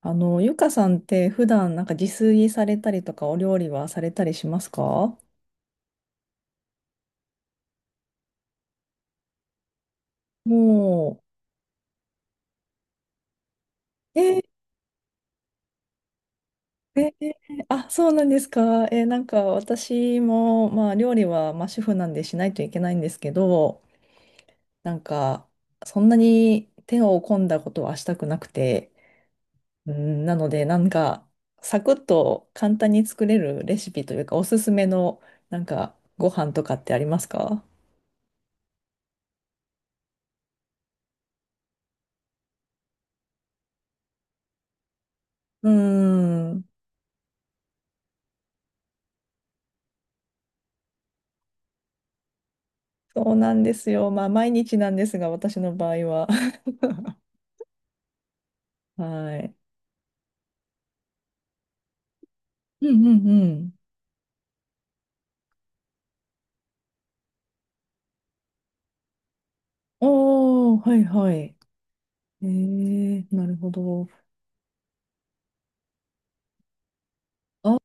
ゆかさんって普段なんか自炊されたりとかお料理はされたりしますか？もう、あ、そうなんですか。なんか私も、まあ料理は、まあ、主婦なんでしないといけないんですけど、なんかそんなに手を込んだことはしたくなくて、うん、なのでなんかサクッと簡単に作れるレシピというかおすすめのなんかご飯とかってありますか？うーん。そうなんですよ。まあ、毎日なんですが、私の場合は。はい。うんうんうん。おー、はいはい。えなるほど。あ、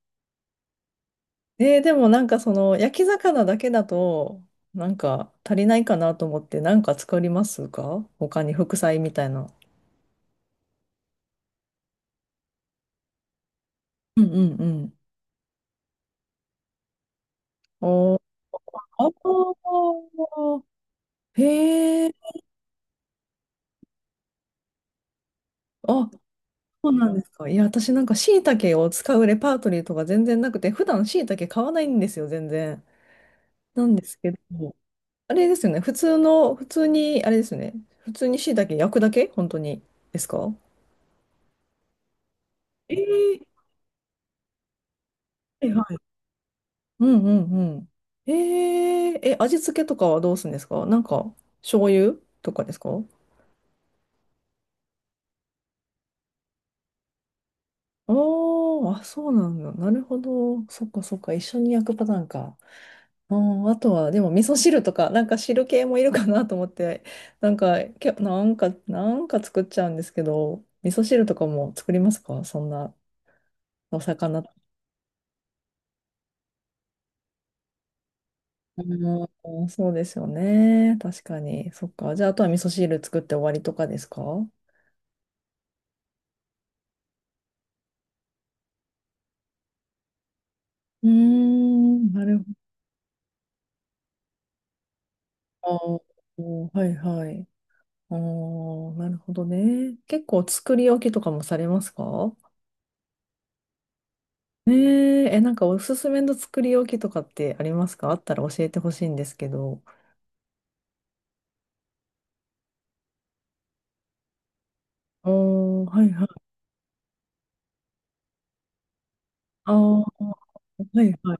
でもなんかその、焼き魚だけだと、なんか足りないかなと思って、なんか作りますか？他に副菜みたいな。うんうんうん。おー、あー、へえ、あ、そうなんですか。いや、私なんか椎茸を使うレパートリーとか全然なくて、普段椎茸買わないんですよ、全然。なんですけど、あれですよね。普通に、あれですよね。普通に椎茸焼くだけ本当に。ですか？えー、はいはい。うんうんうん。味付けとかはどうするんですか？なんか、醤油とかですか？あーあ、そうなんだ。なるほど。そっかそっか。一緒に焼くパターンか。あー、あとは、でも、味噌汁とか、なんか汁系もいるかなと思って、なんか、け、なんか、なんか作っちゃうんですけど、味噌汁とかも作りますか？そんな。お魚。うん、そうですよね。確かに。そっか。じゃあ、あとは味噌汁作って終わりとかですか？うーん、なるほど。あー、はいはい。あー、なるほどね。結構作り置きとかもされますか？ねえ、なんかおすすめの作り置きとかってありますか？あったら教えてほしいんですけど。おー、はいはい。あー、はいはい。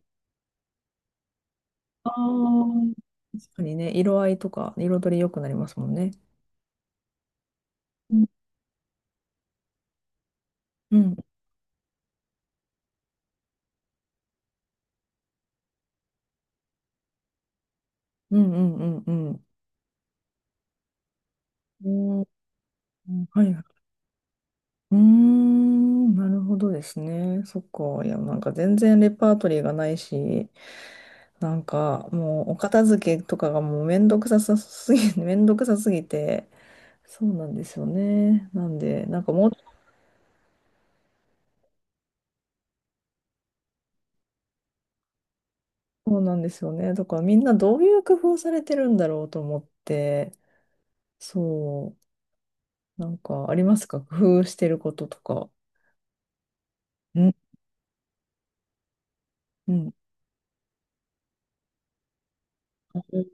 あー、確かにね、色合いとか彩り良くなりますもんね。うんうんうんうんうんうん。うん、はい。うーん、なるほどですね。そっか。いや、なんか全然レパートリーがないし、なんかもうお片付けとかがもうめんどくささすぎ、めんどくさすぎて、そうなんですよね。なんで、なんかもう、そうなんですよね。だからみんなどういう工夫されてるんだろうと思って、そう、なんかありますか？工夫してることとか。うん、うん。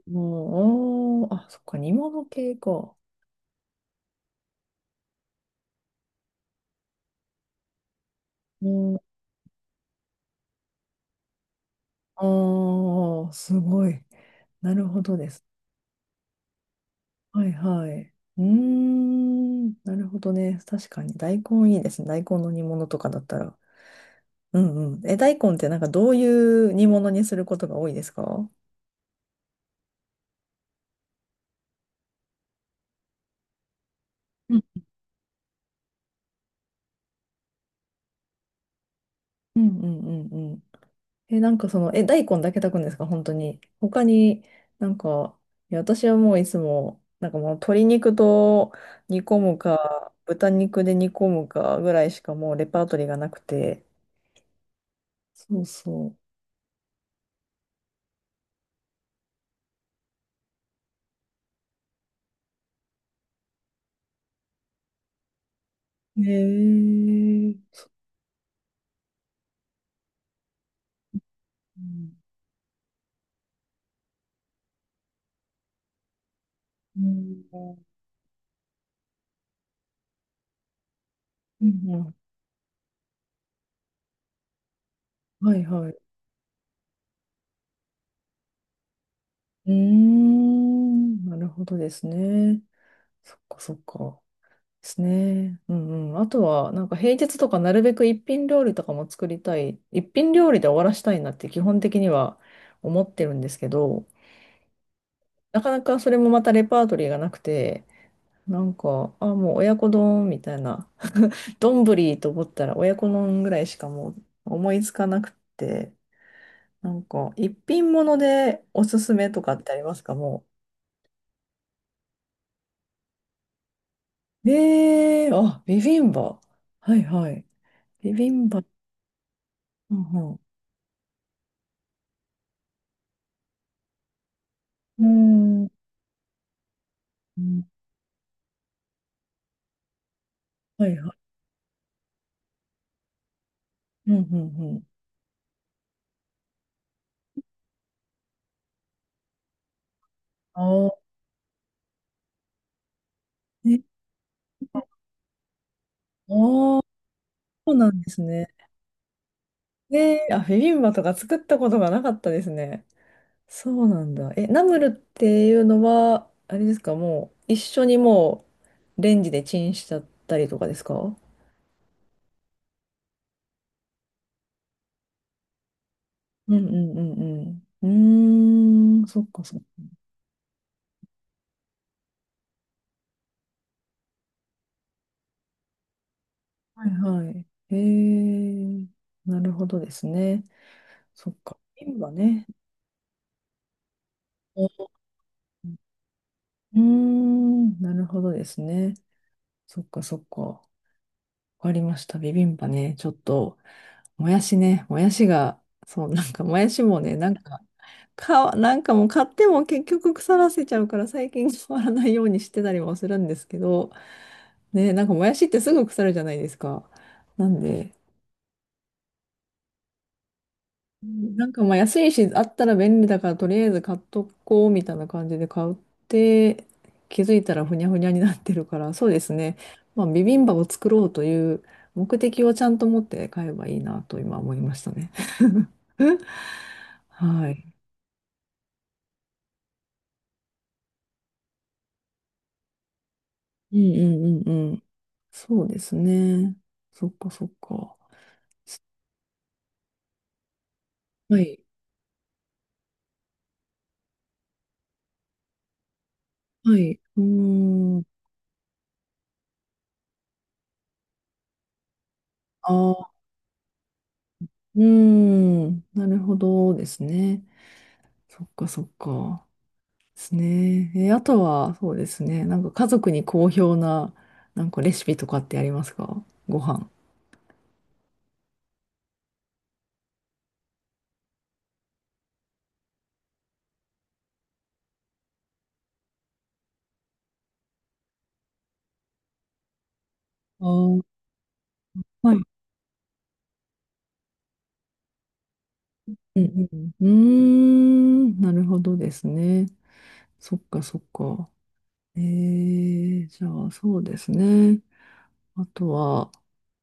もうん、あーあ、そっか、煮物系か。ああ、すごい。なるほどです。はいはい。うーん、なるほどね。確かに大根いいですね。大根の煮物とかだったら。うんうん。大根ってなんかどういう煮物にすることが多いですか？うんうんうんうんうん。なんかその、大根だけ炊くんですか本当に？他になんか、いや、私はもういつも、なんかもう鶏肉と煮込むか、豚肉で煮込むかぐらいしかもうレパートリーがなくて。そうそう。へえ。うん、うん。うん、はいはい。うーん。なるほどですね。そっかそっか。ですね。うんうん。あとは、なんか平日とかなるべく一品料理とかも作りたい。一品料理で終わらしたいなって基本的には思ってるんですけど、なかなかそれもまたレパートリーがなくて、なんか、あ、もう親子丼みたいな。丼と思ったら親子丼ぐらいしかもう思いつかなくて。なんか、一品物でおすすめとかってありますか？もう。あ、ビビンバ。はいはい。ビビンバ。うんうん。うーん。はいはい。うんうんうん。ああ、ね、ああ、そうなんですね。ねえ、あ、ビビンバとか作ったことがなかったですね。そうなんだ。ナムルっていうのは、あれですか、もう、一緒にもう、レンジでチンしちゃったりとかですか？うんうんうんうん。うーん、そっかそっか、はいはい。えー、なるほどですね。そっか。瓶はね。うん、うーん、なるほどですね。そっかそっか。わかりました。ビビンバね。ちょっと、もやしね。もやしが、そう、なんかもやしもね、なんかもう買っても結局腐らせちゃうから最近変わらないようにしてたりもするんですけど、ね、なんかもやしってすぐ腐るじゃないですか。なんで、なんかまあ安いし、あったら便利だからとりあえず買っとこうみたいな感じで買って、気づいたらふにゃふにゃになってるから、そうですね。まあビビンバを作ろうという目的をちゃんと持って買えばいいなと今思いましたね。はい。うんうんうんうん。そうですね。そっかそっか。はい。はい。うーん。ああ、うーん。なるほどですね。そっかそっか。ですね。あとは、そうですね。なんか家族に好評な、なんかレシピとかってありますか？ご飯。あー、はい。うんうん。うーん、なるほどですね。そっかそっか。じゃあそうですね。あとは、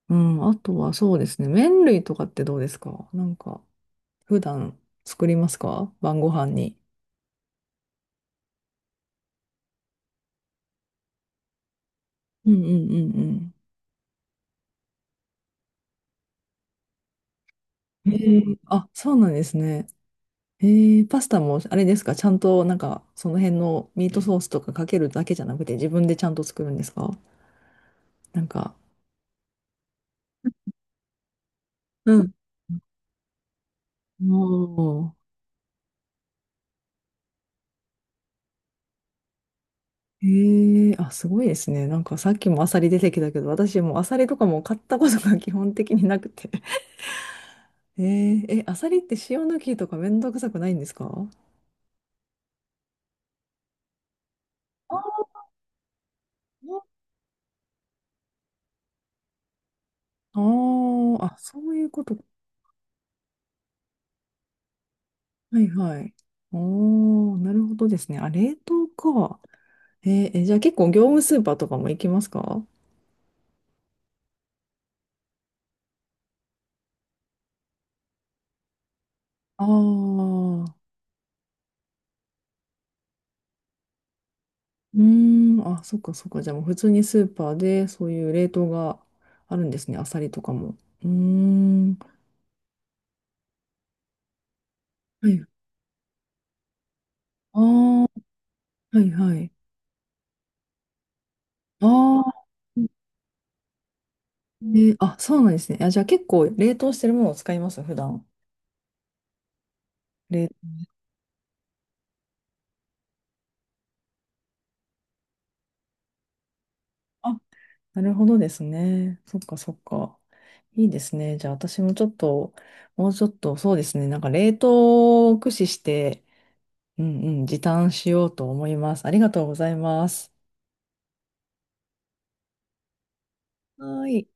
うん、あとはそうですね。麺類とかってどうですか？なんか、普段作りますか？晩ご飯に。うんうんうんうん。あ、そうなんですね。パスタもあれですか、ちゃんとなんかその辺のミートソースとかかけるだけじゃなくて自分でちゃんと作るんですか？なんか。うん。おー、えあ、すごいですね。なんかさっきもアサリ出てきたけど、私もうアサリとかも買ったことが基本的になくて。アサリって塩抜きとかめんどくさくないんですか？あーあ、そういうこと。はいはい。おー、なるほどですね。あ、冷凍か。えーえじゃあ結構業務スーパーとかも行きますか？ああ、うーん、あ、そっかそっか。じゃあもう普通にスーパーでそういう冷凍があるんですね。アサリとかも。うーん。はい。ああ、はいはい。ああ、で、あ、そうなんですね。あ、じゃあ結構冷凍してるものを使います、普段。冷、あ、なるほどですね。そっかそっか。いいですね。じゃあ私もちょっと、もうちょっと、そうですね。なんか冷凍を駆使して、うんうん、時短しようと思います。ありがとうございます。はーい。